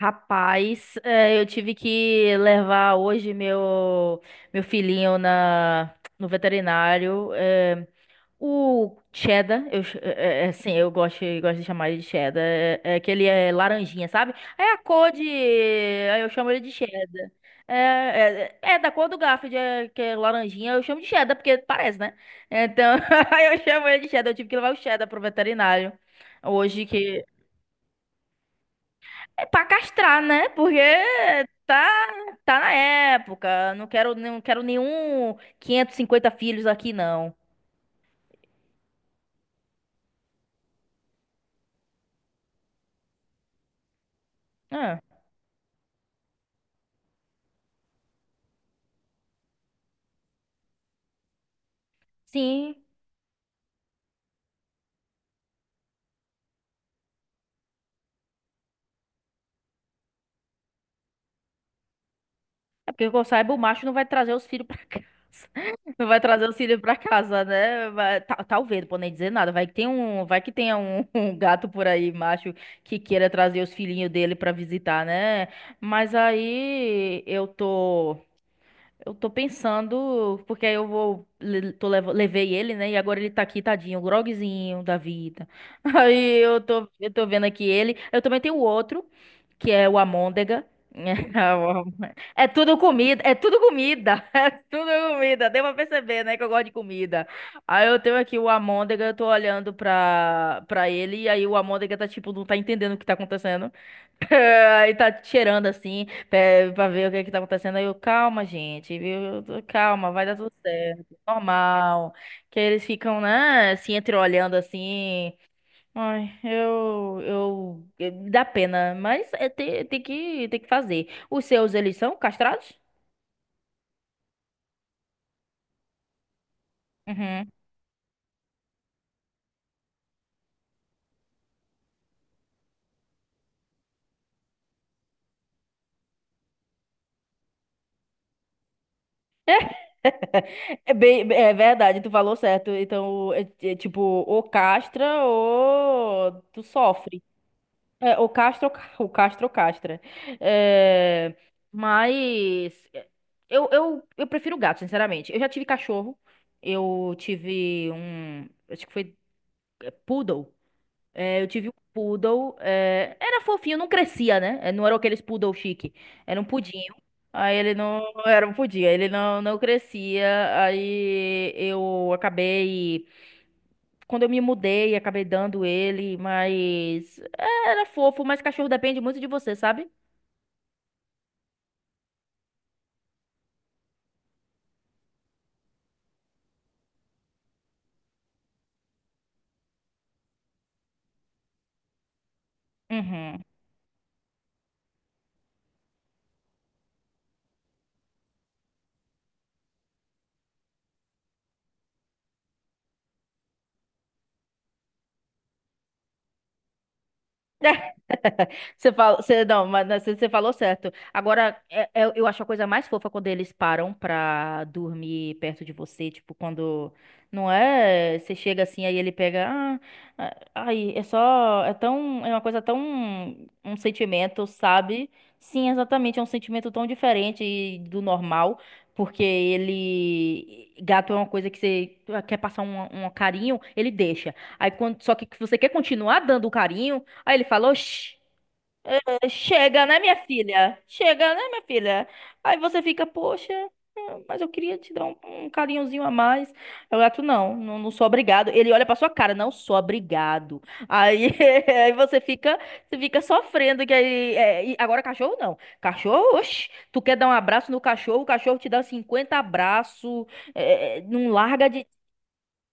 Rapaz, eu tive que levar hoje meu filhinho na no veterinário. O Cheddar, eu, ch- eh, eh, assim, eu gosto de chamar ele de Cheddar. É, é que ele é laranjinha, sabe? É a cor de. Aí eu chamo ele de Cheddar. É da cor do Garfield, é, que é laranjinha, eu chamo de Cheddar, porque parece, né? Então, aí eu chamo ele de Cheddar. Eu tive que levar o Cheddar pro veterinário. Hoje que. É pra castrar, né? Porque tá, tá na época. Não quero nenhum 550 filhos aqui, não. Ah, sim. É porque que eu saiba, o macho não vai trazer os filhos pra casa. Não vai trazer os filhos pra casa, né? Talvez, não vou nem dizer nada. Vai que tenha um, um gato por aí, macho, que queira trazer os filhinhos dele pra visitar, né? Mas aí eu tô. Eu tô pensando, porque aí eu vou, le- tô, levo- levei ele, né? E agora ele tá aqui, tadinho, groguezinho da vida. Aí eu tô vendo aqui ele. Eu também tenho outro, que é o Amôndega. É tudo comida, é tudo comida. Deu pra perceber, né, que eu gosto de comida. Aí eu tenho aqui o Amôndega, eu tô olhando pra ele, e aí o Amôndega tá tipo, não tá entendendo o que tá acontecendo. Aí tá cheirando assim. Até pra ver o que é que tá acontecendo. Aí calma, gente, viu? Calma, vai dar tudo certo. Normal. Que eles ficam, né, assim, entreolhando assim. Ai, dá pena, mas é, tem que fazer. Os seus, eles são castrados? Uhum. É, bem, é verdade, tu falou certo. Então, é tipo, ou castra ou tu sofre. É, o Castro castra. É, mas é, eu prefiro gato, sinceramente. Eu já tive cachorro. Eu tive um. Acho que foi poodle. É, eu tive um poodle. É, era fofinho, não crescia, né? É, não era aqueles poodle chique. Era um pudinho. Aí ele não era um pudim, aí ele não crescia. Aí eu acabei. Quando eu me mudei, acabei dando ele, mas é, era fofo, mas cachorro depende muito de você, sabe? Uhum. Você fala, não, mas você falou certo. Agora, eu acho a coisa mais fofa quando eles param pra dormir perto de você. Tipo, quando. Não é? Você chega assim, aí ele pega. Ai, é só. É tão. É uma coisa tão. Um sentimento, sabe? Sim, exatamente. É um sentimento tão diferente do normal. Porque ele. Gato é uma coisa que você quer passar um carinho, ele deixa. Aí, só que você quer continuar dando o carinho. Aí ele falou: Chega, né, minha filha? Chega, né, minha filha?" Aí você fica, poxa, mas eu queria te dar um carinhozinho a mais. Aí o gato, não, não, não sou obrigado. Ele olha pra sua cara, não sou obrigado. Aí, aí você fica sofrendo. Que aí, é, e agora cachorro não. Cachorro, oxe, tu quer dar um abraço no cachorro, o cachorro te dá 50 abraços, não larga de,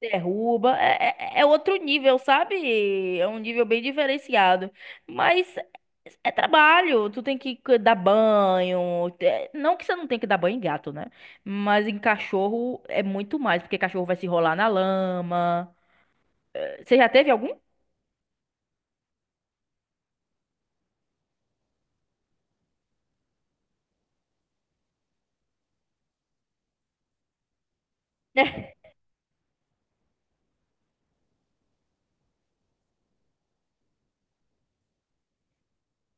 derruba. É outro nível, sabe? É um nível bem diferenciado. Mas é trabalho. Tu tem que dar banho. É, não que você não tenha que dar banho em gato, né? Mas em cachorro é muito mais, porque cachorro vai se rolar na lama. Você já teve algum?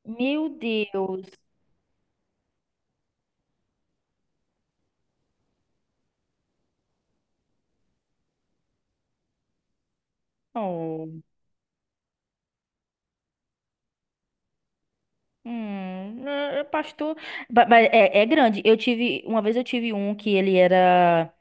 Meu Deus. Oh. É pastor, mas é grande. Uma vez eu tive um que ele era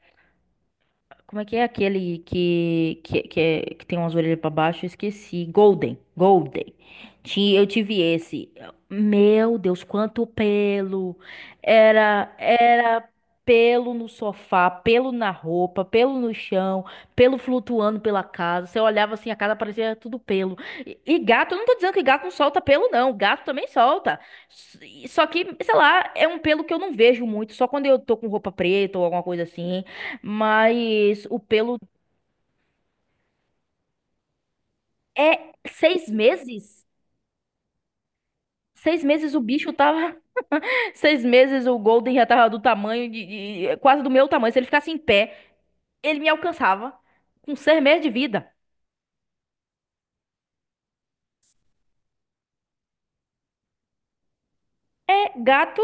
como é que é aquele que tem umas orelhas pra baixo? Eu esqueci. Golden. Golden. Eu tive esse. Meu Deus, quanto pelo! Era pelo no sofá, pelo na roupa, pelo no chão, pelo flutuando pela casa. Você olhava assim, a casa parecia tudo pelo. E gato, eu não tô dizendo que gato não solta pelo, não. Gato também solta. Só que, sei lá, é um pelo que eu não vejo muito. Só quando eu tô com roupa preta ou alguma coisa assim. Mas o pelo. É 6 meses? 6 meses o bicho tava. 6 meses o Golden já tava do tamanho quase do meu tamanho. Se ele ficasse em pé, ele me alcançava. Com 6 meses de vida. É, gato,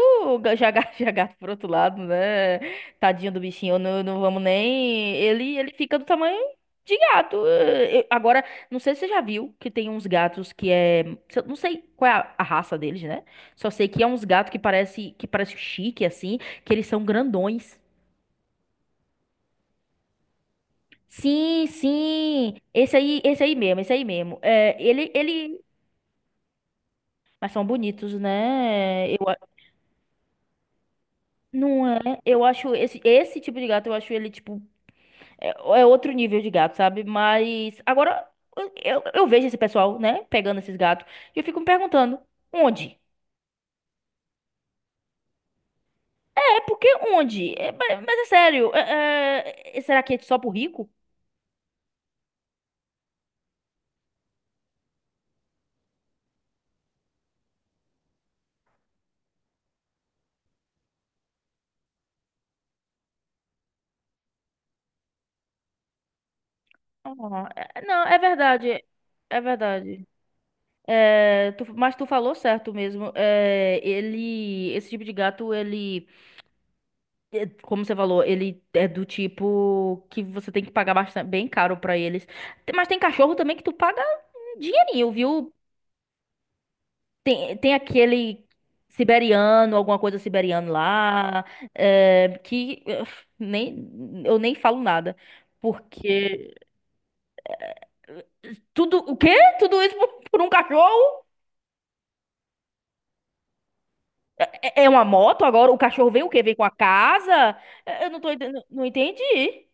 já gato por outro lado, né? Tadinho do bichinho, não, não vamos nem. Ele fica do tamanho de gato. Agora, não sei se você já viu que tem uns gatos que é. Se eu- Não sei qual é a raça deles, né? Só sei que é uns gatos que parece chique, assim, que eles são grandões. Sim, sim. Esse aí mesmo, esse aí mesmo. É, ele. Mas são bonitos, né? Não é? Eu acho esse tipo de gato, eu acho ele, tipo. É, é outro nível de gato, sabe? Mas agora eu, eu vejo esse pessoal, né, pegando esses gatos e eu fico me perguntando, onde? É porque onde? É, mas é sério, será que é só pro rico? Ah, não, é verdade. É, mas tu falou certo mesmo. É, ele, esse tipo de gato, ele, é, como você falou, ele é do tipo que você tem que pagar bastante, bem caro pra eles. Mas tem cachorro também que tu paga um dinheirinho, viu? Tem aquele siberiano, alguma coisa siberiano lá, é, que nem, eu nem falo nada. Porque tudo, o quê? Tudo isso por, por um cachorro? É uma moto agora? O cachorro vem o quê? Vem com a casa? Eu não entendi.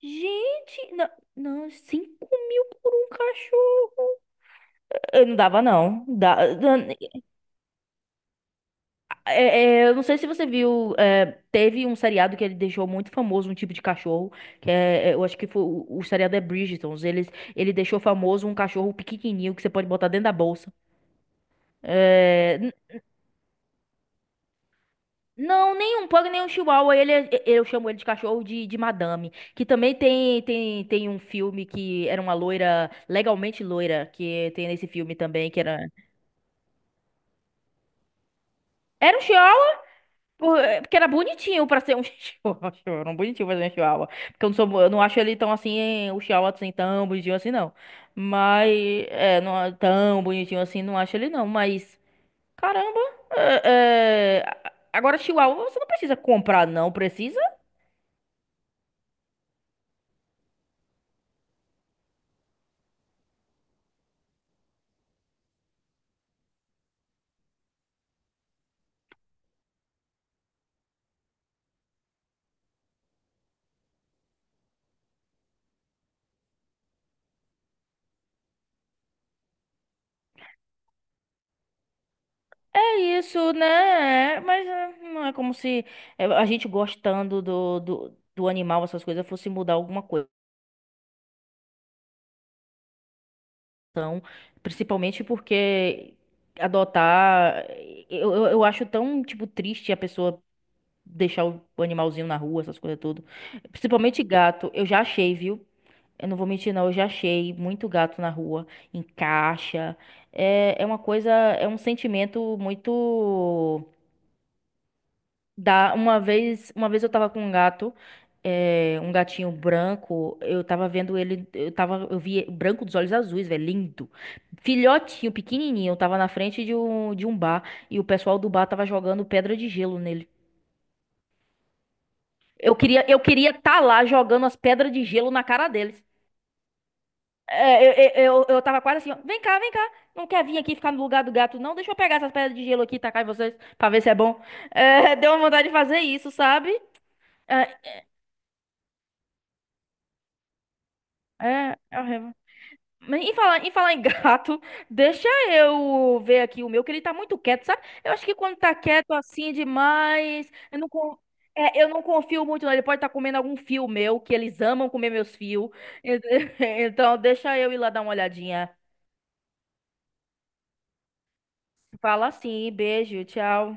Gente, não, não, 5.000 por um cachorro. Eu não dava, não. Eu não sei se você viu, é, teve um seriado que ele deixou muito famoso um tipo de cachorro, eu acho que foi, o seriado é Bridgerton, ele deixou famoso um cachorro pequenininho que você pode botar dentro da bolsa. É, não, nem um pug, nem um chihuahua, eu chamo ele de cachorro de madame, que também tem um filme que era uma loira, legalmente loira, que tem nesse filme também, que era... Era um chihuahua. Porque era bonitinho pra ser um chihuahua. Era um bonitinho pra ser um chihuahua. Porque eu não acho ele tão assim, o chihuahua assim, tão bonitinho assim, não. Mas, é, não é tão bonitinho assim, não acho ele não. Mas, caramba, agora chihuahua você não precisa comprar, não precisa. É isso, né? É, mas é, não é como se a gente gostando do animal, essas coisas, fosse mudar alguma coisa. Então, principalmente porque adotar, eu acho tão, tipo, triste a pessoa deixar o animalzinho na rua, essas coisas tudo. Principalmente gato, eu já achei, viu? Eu não vou mentir, não, eu já achei muito gato na rua, em caixa. É uma coisa, é um sentimento muito. Dá, uma vez eu tava com um gato, um gatinho branco, eu tava vendo ele, eu vi branco dos olhos azuis, velho, lindo. Filhotinho, pequenininho, eu tava na frente de um bar e o pessoal do bar tava jogando pedra de gelo nele. Eu queria tá lá jogando as pedras de gelo na cara deles. É, eu tava quase assim, ó, vem cá, vem cá. Não quer vir aqui ficar no lugar do gato, não? Deixa eu pegar essas pedras de gelo aqui e tacar em vocês pra ver se é bom. É, deu uma vontade de fazer isso, sabe? É, é, é Mas em falar em gato, deixa eu ver aqui o meu, que ele tá muito quieto, sabe? Eu acho que quando tá quieto assim demais, eu não confio muito, não. Ele pode estar comendo algum fio meu, que eles amam comer meus fios. Então, deixa eu ir lá dar uma olhadinha. Fala assim, beijo, tchau.